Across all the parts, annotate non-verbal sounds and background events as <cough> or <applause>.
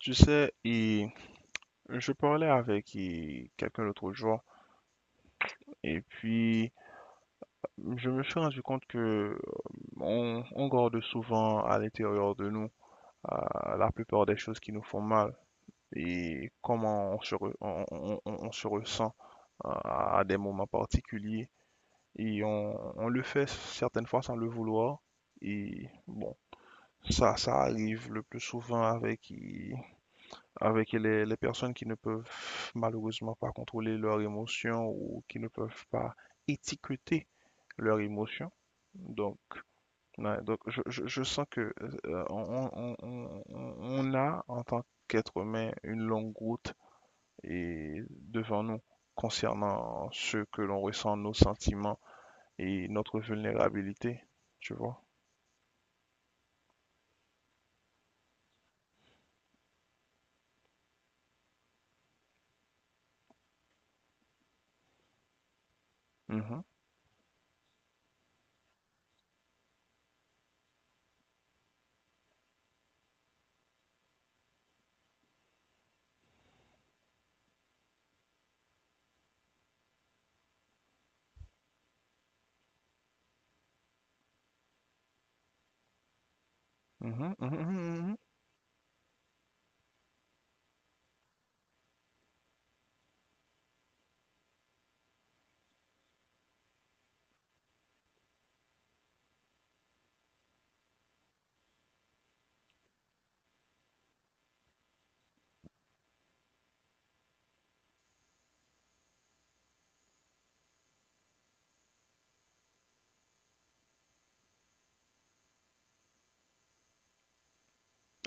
Tu sais, et je parlais avec et, quelqu'un l'autre jour, et puis je me suis rendu compte que on garde souvent à l'intérieur de nous la plupart des choses qui nous font mal et comment on se, re- on se ressent à des moments particuliers. Et on le fait certaines fois sans le vouloir. Et bon, ça arrive le plus souvent avec avec les personnes qui ne peuvent malheureusement pas contrôler leurs émotions ou qui ne peuvent pas étiqueter leurs émotions. Donc, ouais, donc je sens que on a en tant qu'être humain une longue route et devant nous concernant ce que l'on ressent, nos sentiments et notre vulnérabilité, tu vois. Mhm, mhm, mhm, mhm, mhm.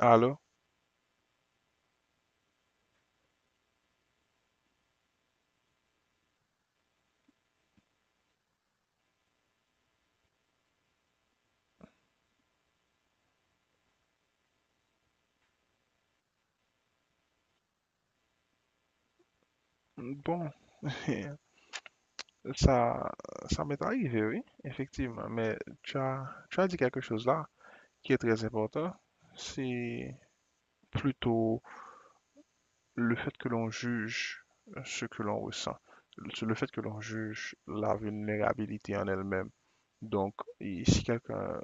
Alors, bon, <laughs> Ça, ça m'est arrivé, oui, effectivement. Mais tu as dit quelque chose là qui est très important. C'est plutôt le fait que l'on juge ce que l'on ressent, le fait que l'on juge la vulnérabilité en elle-même. Donc, et si quelqu'un,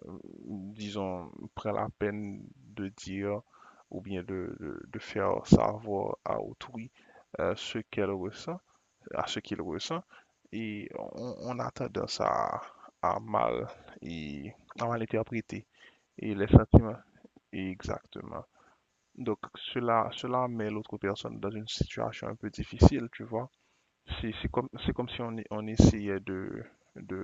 disons, prend la peine de dire ou bien de faire savoir à autrui, ce qu'elle ressent, à ce qu'il ressent, et on a tendance à mal et à mal interpréter et les sentiments, exactement. Donc cela met l'autre personne dans une situation un peu difficile, tu vois. C'est c'est comme si on essayait de,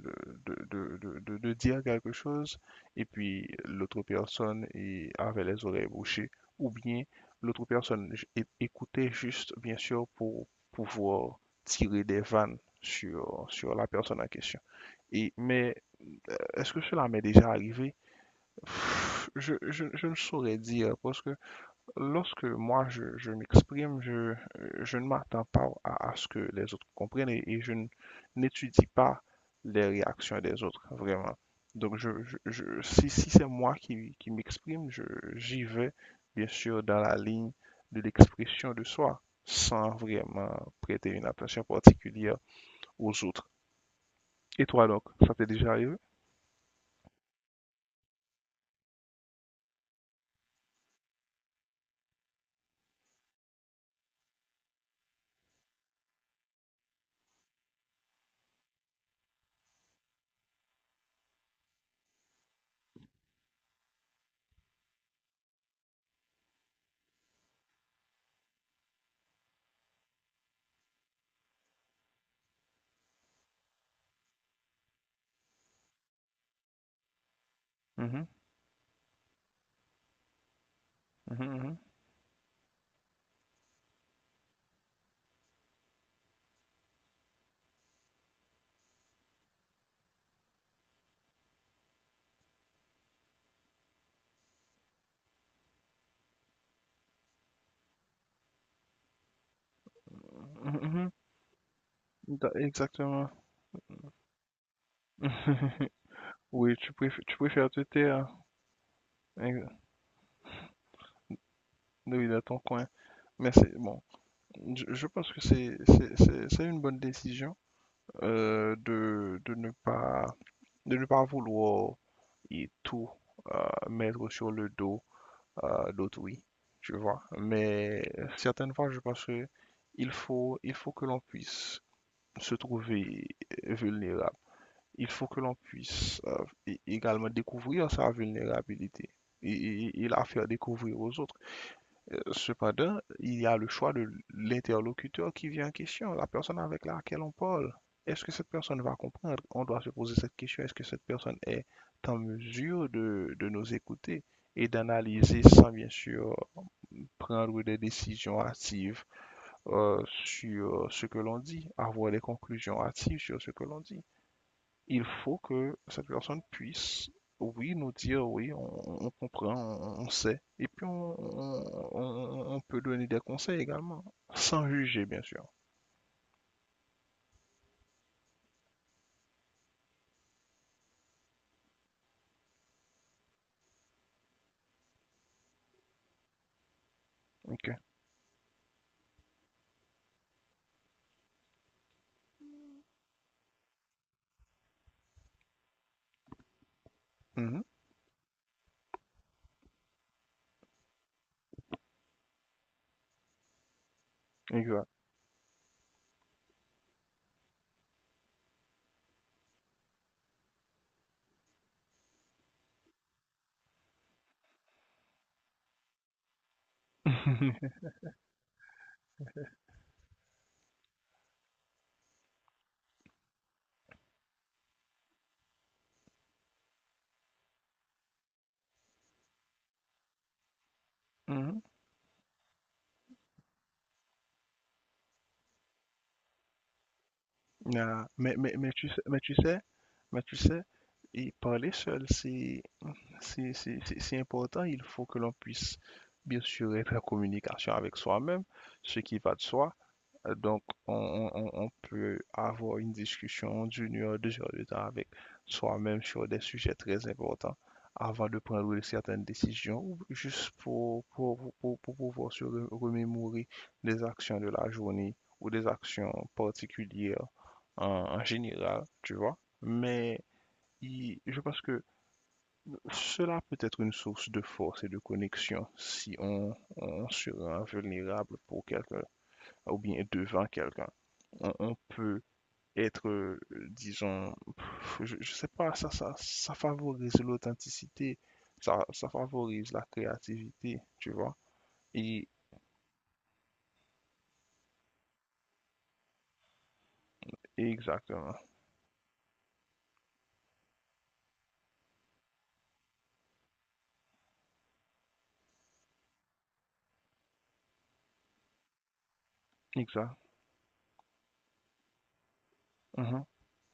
de dire quelque chose et puis l'autre personne avait les oreilles bouchées ou bien l'autre personne écoutait juste, bien sûr, pour pouvoir tirer des vannes sur, sur la personne en question. Et, mais est-ce que cela m'est déjà arrivé? Pff, je ne saurais dire parce que lorsque moi je m'exprime, je ne m'attends pas à, à ce que les autres comprennent et n'étudie pas les réactions des autres, vraiment. Donc si, si c'est moi qui m'exprime, je, j'y vais bien sûr dans la ligne de l'expression de soi, sans vraiment prêter une attention particulière aux autres. Et toi donc, ça t'est déjà arrivé? Mhm, mhm, mhm, mhm, mhm, exactement. <laughs> Oui, tu préfères te taire. Hein, oui, de ton coin. Mais c'est bon. Je pense que c'est une bonne décision, euh, de, de ne pas de ne pas vouloir et tout mettre sur le dos, d'autrui, tu vois. Mais certaines fois, je pense que il faut que l'on puisse se trouver vulnérable. Il faut que l'on puisse également découvrir sa vulnérabilité et, et la faire découvrir aux autres. Cependant, il y a le choix de l'interlocuteur qui vient en question, la personne avec laquelle on parle. Est-ce que cette personne va comprendre? On doit se poser cette question. Est-ce que cette personne est en mesure de nous écouter et d'analyser sans bien sûr prendre des décisions hâtives, sur ce que l'on dit, avoir des conclusions hâtives sur ce que l'on dit? Il faut que cette personne puisse, oui, nous dire, oui, on comprend, on sait. Et puis, on peut donner des conseils également, sans juger, bien sûr. Ok. Mhm. Exact. <laughs> Mhm. Ah, mais tu sais, mais tu sais, mais tu sais, et parler seul, c'est important. Il faut que l'on puisse, bien sûr, être en communication avec soi-même, ce qui va de soi. Donc, on on peut avoir une discussion d'une heure, deux heures de temps avec soi-même sur des sujets très importants avant de prendre certaines décisions, ou juste pour pouvoir se remémorer des actions de la journée ou des actions particulières en, en général, tu vois. Mais je pense que cela peut être une source de force et de connexion si on se rend vulnérable pour quelqu'un ou bien devant quelqu'un. On peut être, disons, je sais pas, ça favorise l'authenticité, ça favorise la créativité, tu vois. Et, et exactement, exact, mhm,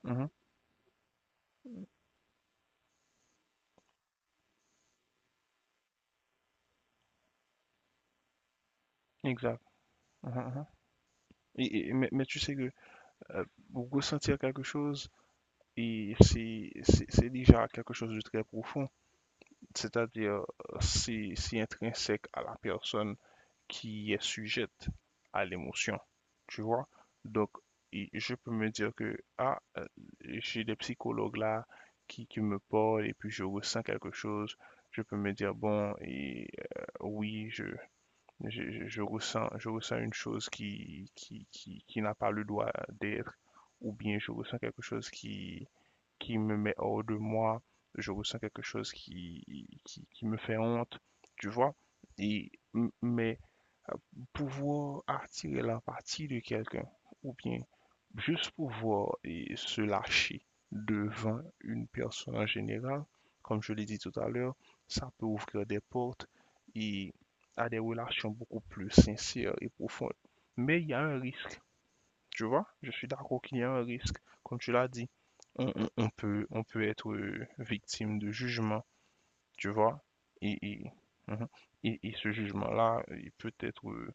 mhm, exact. Mhm, mhm. Et, mais tu sais que euh, pour ressentir quelque chose, et c'est déjà quelque chose de très profond. C'est-à-dire si, si intrinsèque à la personne qui est sujette à l'émotion, tu vois. Donc, et je peux me dire que, ah, j'ai des psychologues là qui me parlent et puis je ressens quelque chose. Je peux me dire, bon, et, oui, je ressens une chose qui n'a pas le droit d'être, ou bien je ressens quelque chose qui me met hors de moi, je ressens quelque chose qui me fait honte, tu vois. Et, mais euh, pouvoir attirer l'empathie de quelqu'un, ou bien juste pouvoir et, se lâcher devant une personne en général, comme je l'ai dit tout à l'heure, ça peut ouvrir des portes et à des relations beaucoup plus sincères et profondes. Mais il y a un risque, tu vois, je suis d'accord qu'il y a un risque. Comme tu l'as dit, on peut être victime de jugement, tu vois. Et, mhm. Et ce jugement-là, il peut être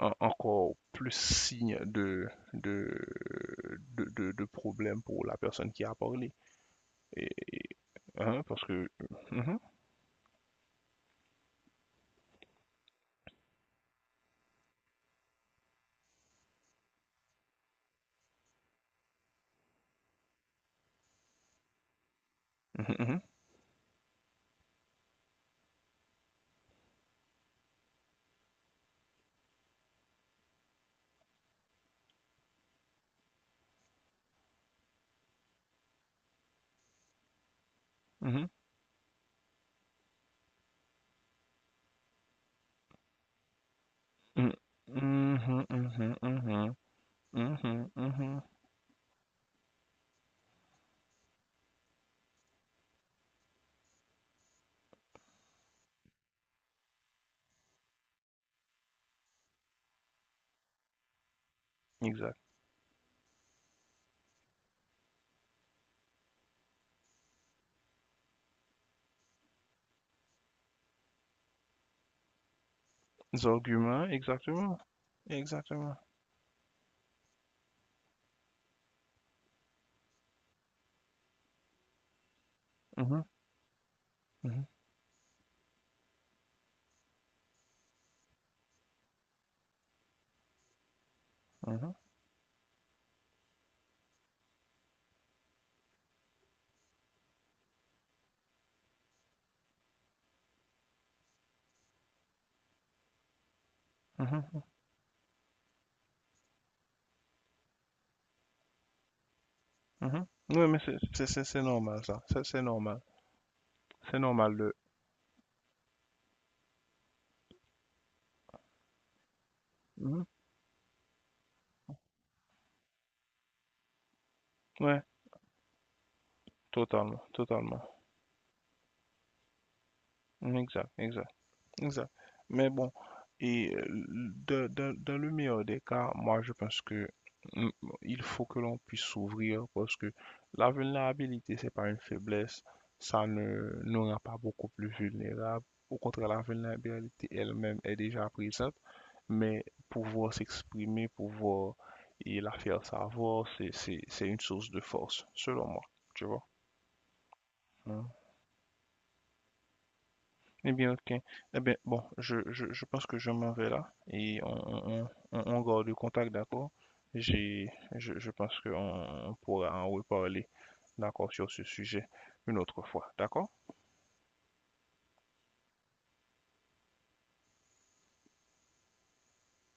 encore plus signe de, de problème pour la personne qui a parlé. Et, hein, parce que... Mhm, mhm, mhm, mhm, mhm, mhm, mhm, mhm, mhm, mhm. Mhm. Exact. Les arguments, exactement. Exactement. Mhm, mhm. Mhm, mhm, mhm. Oui, mais c'est normal ça. C'est normal. C'est normal de. Mhm. Ouais, totalement, totalement. Mhm, exact, exact. Exact. Mais bon, et dans le meilleur des cas, moi je pense que mm, il faut que l'on puisse s'ouvrir parce que la vulnérabilité, c'est pas une faiblesse, ça ne nous rend pas beaucoup plus vulnérables. Au contraire, la vulnérabilité elle-même est déjà présente, mais pouvoir s'exprimer, pouvoir et la faire savoir, c'est une source de force, selon moi, tu vois. Eh bien, ok. Eh bien, bon, je pense que je m'en vais là et on garde le contact, d'accord? Je pense qu'on on pourra en reparler, d'accord, sur ce sujet une autre fois, d'accord?